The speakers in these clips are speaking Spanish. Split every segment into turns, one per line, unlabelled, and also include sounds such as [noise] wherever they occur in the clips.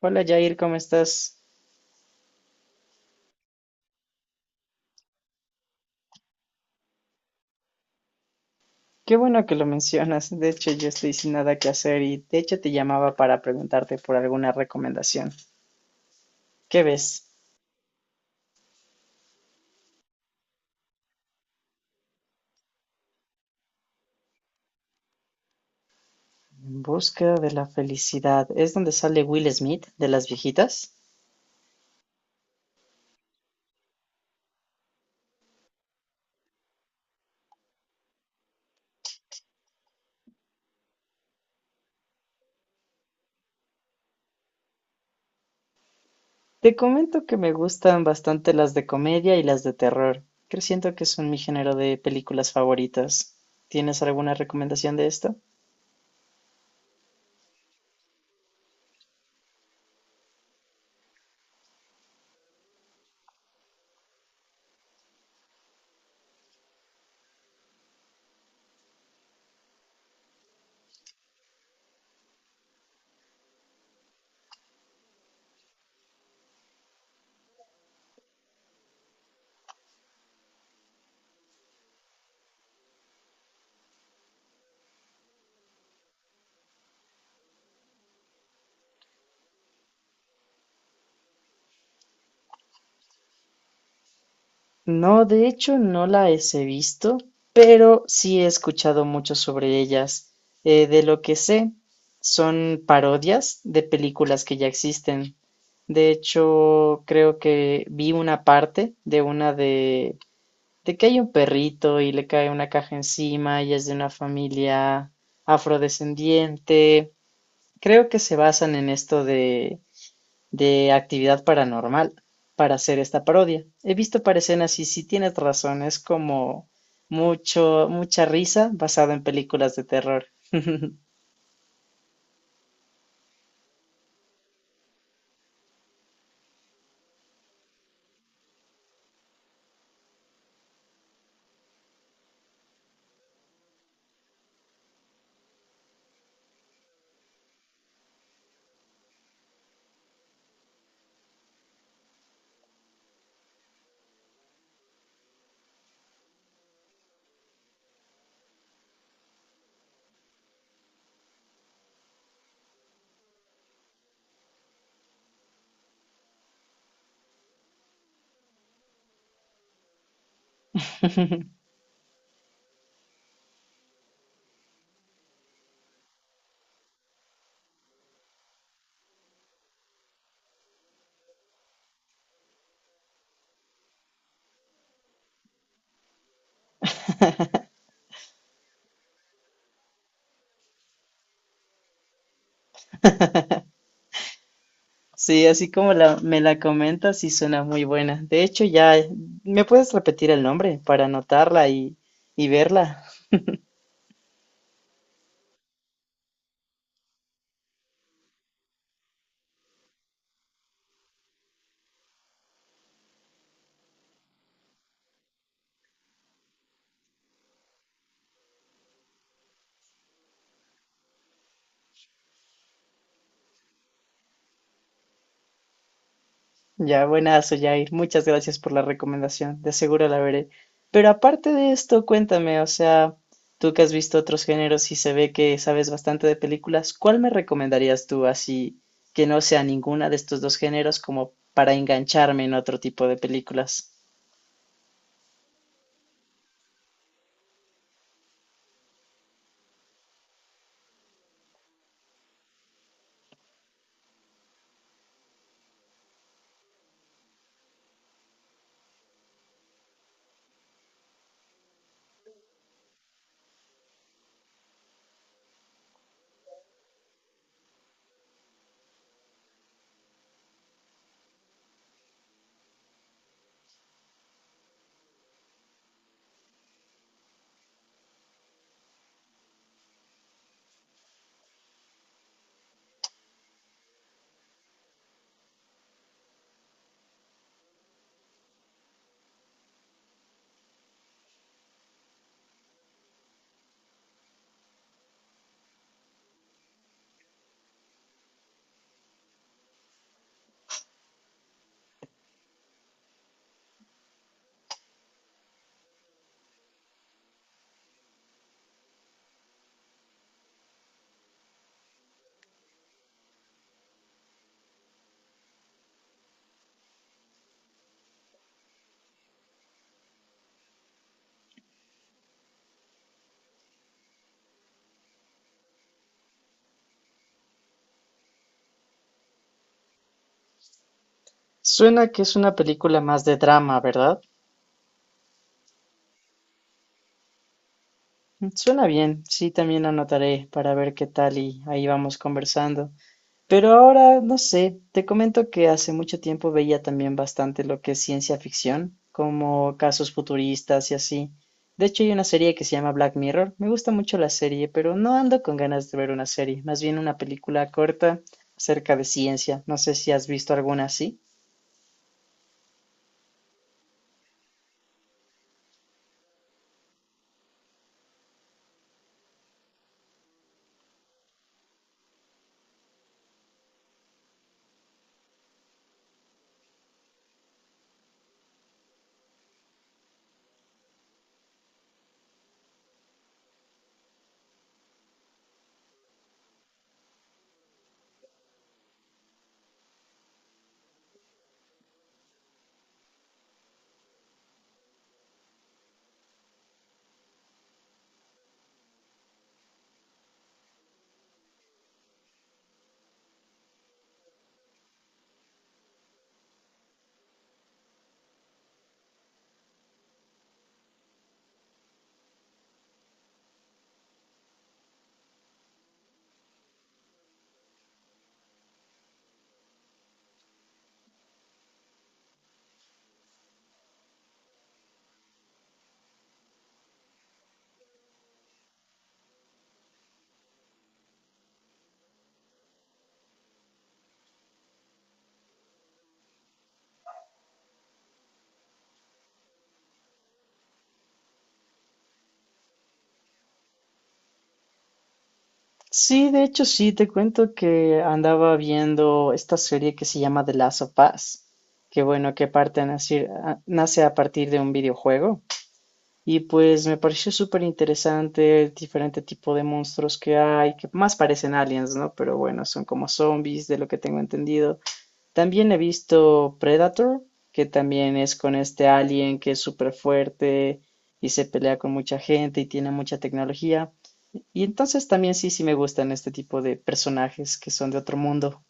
Hola Jair, ¿cómo estás? Qué bueno que lo mencionas. De hecho, yo estoy sin nada que hacer y de hecho te llamaba para preguntarte por alguna recomendación. ¿Qué ves? En busca de la felicidad. ¿Es donde sale Will Smith de las viejitas? Te comento que me gustan bastante las de comedia y las de terror. Creo siento que son mi género de películas favoritas. ¿Tienes alguna recomendación de esto? No, de hecho no las he visto, pero sí he escuchado mucho sobre ellas. De lo que sé, son parodias de películas que ya existen. De hecho, creo que vi una parte de que hay un perrito y le cae una caja encima y es de una familia afrodescendiente. Creo que se basan en de actividad paranormal para hacer esta parodia. He visto para escenas y sí tienes razón, es como mucha risa basada en películas de terror. [laughs] Sí, así como me la comentas, sí suena muy buena. ¿Me puedes repetir el nombre para y verla? Ya, buenazo, Jair. Muchas gracias por la recomendación. De seguro la veré. Pero aparte de esto, cuéntame, o sea, tú que has visto otros géneros y se ve que sabes bastante de películas, ¿cuál me recomendarías tú así que no sea ninguna de estos dos géneros como para engancharme en otro tipo de películas? Suena que es una película más de drama, ¿verdad? Mm, suena bien. Sí, también anotaré para ver qué tal y ahí vamos conversando. Pero ahora, no sé, te comento que hace mucho tiempo veía también bastante lo que es ciencia ficción, como casos futuristas y así. De hecho, hay una serie que se llama Black Mirror. Me gusta mucho la serie, pero no ando con ganas de ver una serie, más bien una película corta acerca de ciencia. No sé si has visto alguna así. Sí, de hecho sí, te cuento que andaba viendo esta serie que se llama The Last of Us, que bueno, que parte a nacir- a- nace a partir de un videojuego. Y pues me pareció súper interesante el diferente tipo de monstruos que hay, que más parecen aliens, ¿no? Pero bueno, son como zombies, de lo que tengo entendido. También he visto Predator, que también es con este alien que es súper fuerte y se pelea con mucha gente y tiene mucha tecnología. Y entonces también sí, me gustan este tipo de personajes que son de otro mundo,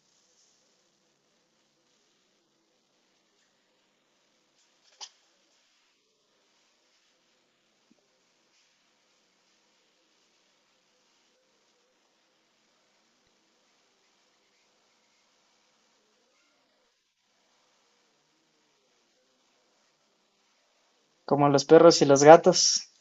como los perros y los gatos.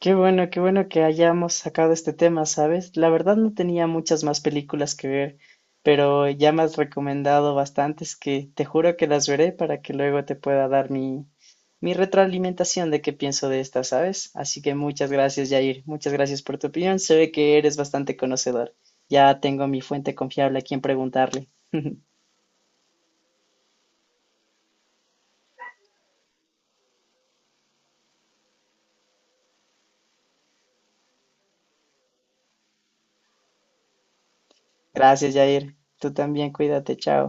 Qué bueno, que hayamos sacado este tema, ¿sabes? La verdad no tenía muchas más películas que ver, pero ya me has recomendado bastantes que te juro que las veré para que luego te pueda dar mi retroalimentación de qué pienso de estas, ¿sabes? Así que muchas gracias, Jair. Muchas gracias por tu opinión. Se ve que eres bastante conocedor. Ya tengo mi fuente confiable a quien preguntarle. [laughs] Gracias, Jair. Tú también, cuídate, chao.